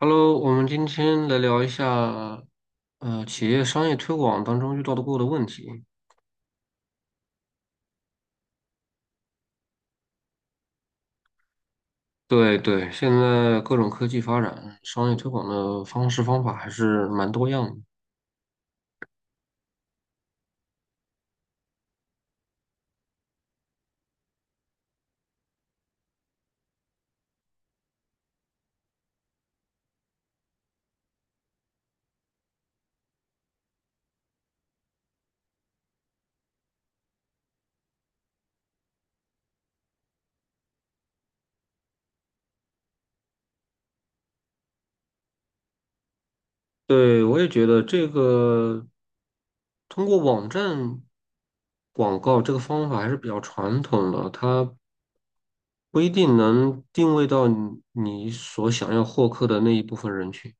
Hello，我们今天来聊一下，企业商业推广当中遇到过的问题。对对，现在各种科技发展，商业推广的方式方法还是蛮多样的。对，我也觉得这个通过网站广告这个方法还是比较传统的，它不一定能定位到你所想要获客的那一部分人群。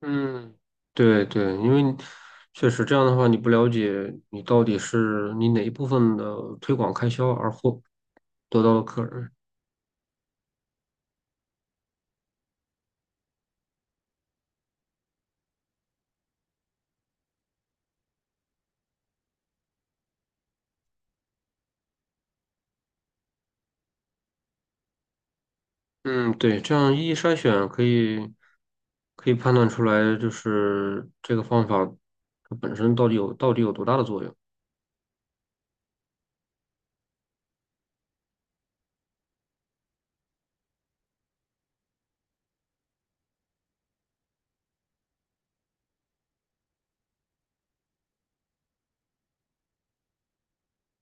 嗯，对对，因为你确实这样的话，你不了解你到底是你哪一部分的推广开销而获得到了客人。嗯，对，这样一筛选可以可以判断出来，就是这个方法它本身到底有多大的作用。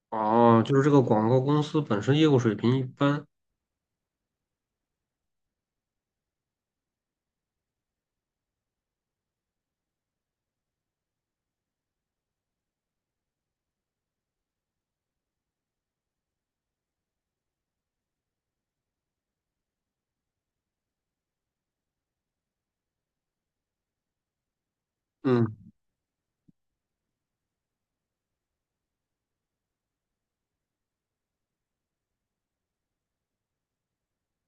哦，就是这个广告公司本身业务水平一般。嗯。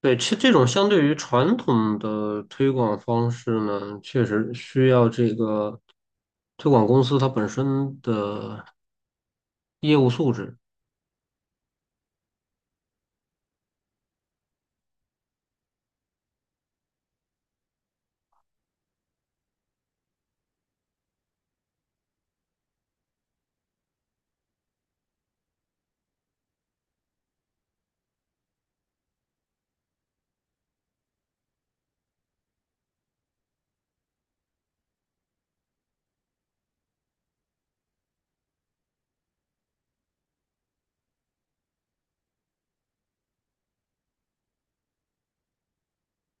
对，其实这种相对于传统的推广方式呢，确实需要这个推广公司它本身的业务素质。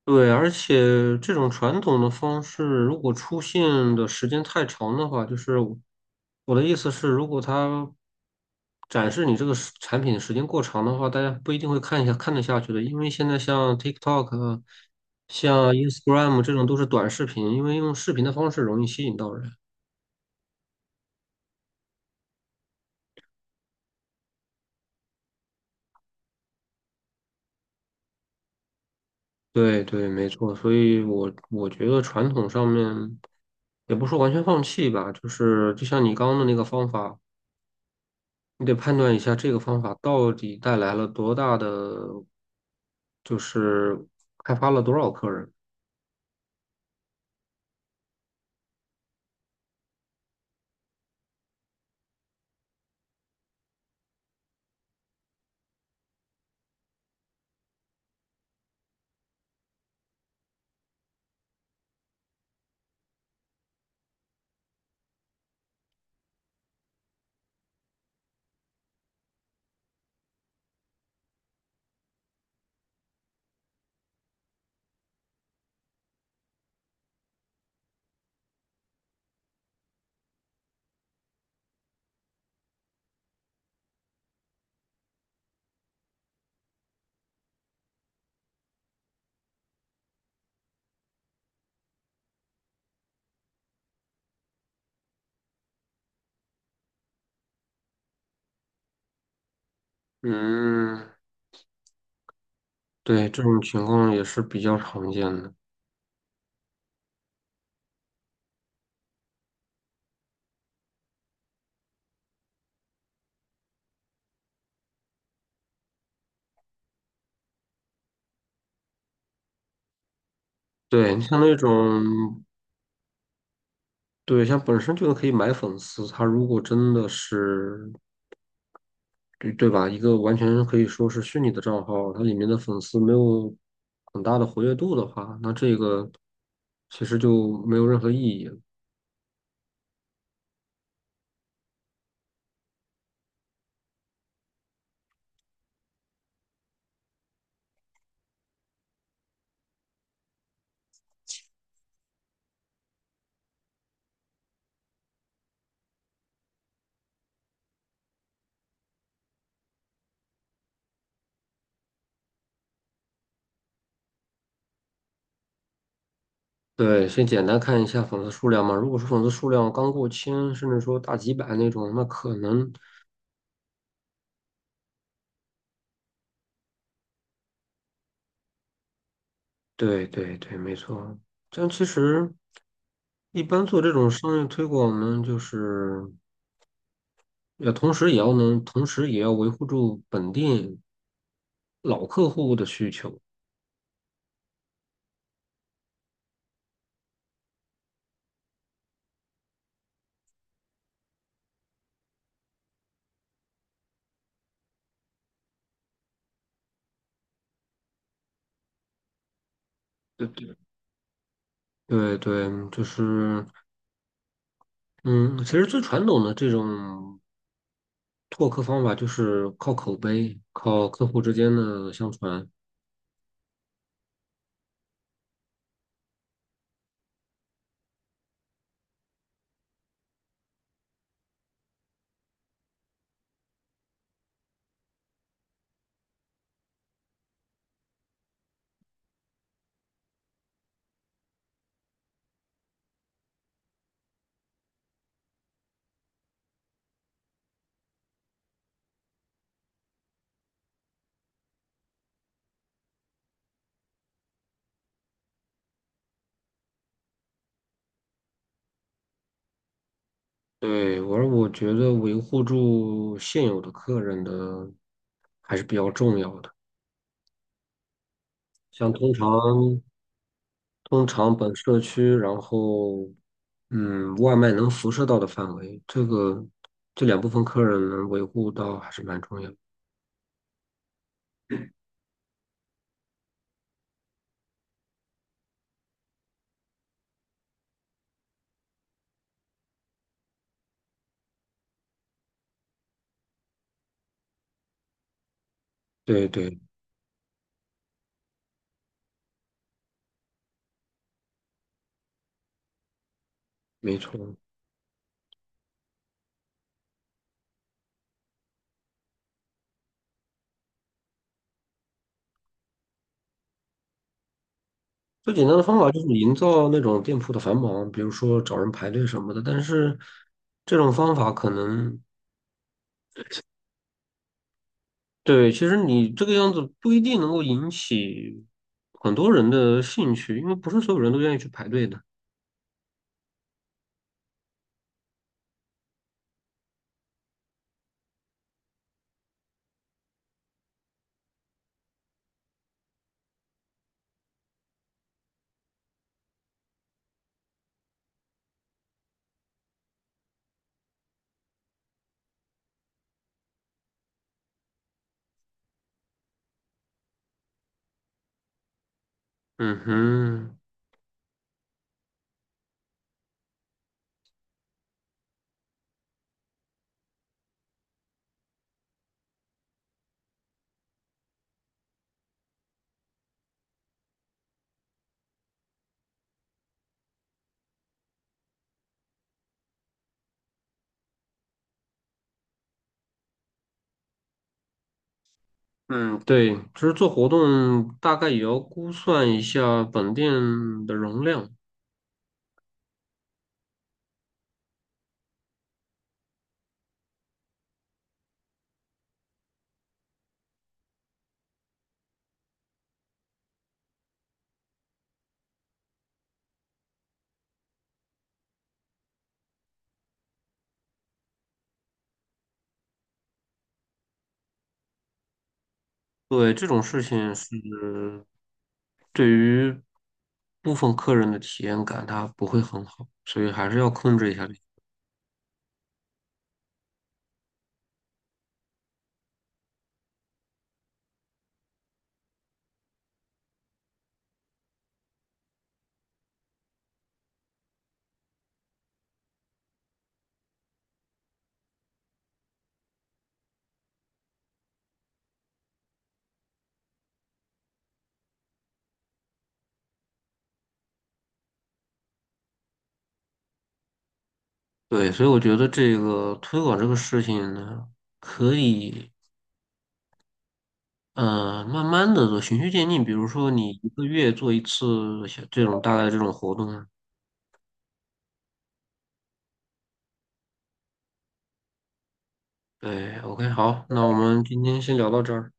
对，而且这种传统的方式，如果出现的时间太长的话，就是我的意思是，如果它展示你这个时产品时间过长的话，大家不一定会看一下看得下去的，因为现在像 TikTok 啊像 Instagram 这种都是短视频，因为用视频的方式容易吸引到人。对对，没错，所以我觉得传统上面也不说完全放弃吧，就是就像你刚刚的那个方法。你得判断一下这个方法到底带来了多大的，就是开发了多少客人。嗯，对，这种情况也是比较常见的。对，你像那种，对，像本身就可以买粉丝，他如果真的是，对对吧？一个完全可以说是虚拟的账号，它里面的粉丝没有很大的活跃度的话，那这个其实就没有任何意义。对，先简单看一下粉丝数量嘛。如果是粉丝数量刚过千，甚至说大几百那种，那可能，对对对，没错。但其实一般做这种商业推广，我们就是要同时也要能，同时也要维护住本地老客户的需求。对对对对，就是嗯，其实最传统的这种拓客方法就是靠口碑，靠客户之间的相传。对，而我觉得维护住现有的客人的还是比较重要的。像通常本社区，然后嗯，外卖能辐射到的范围，这个这两部分客人能维护到还是蛮重要的。对对，没错。最简单的方法就是营造那种店铺的繁忙，比如说找人排队什么的。但是这种方法可能对，其实你这个样子不一定能够引起很多人的兴趣，因为不是所有人都愿意去排队的。嗯哼，嗯，对，其实做活动大概也要估算一下本店的容量。对，这种事情是对于部分客人的体验感，它不会很好，所以还是要控制一下这个。对，所以我觉得这个推广这个事情呢，可以。嗯，慢慢的做，循序渐进。比如说，你一个月做一次小这种大概这种活动。对，OK,好，那我们今天先聊到这儿。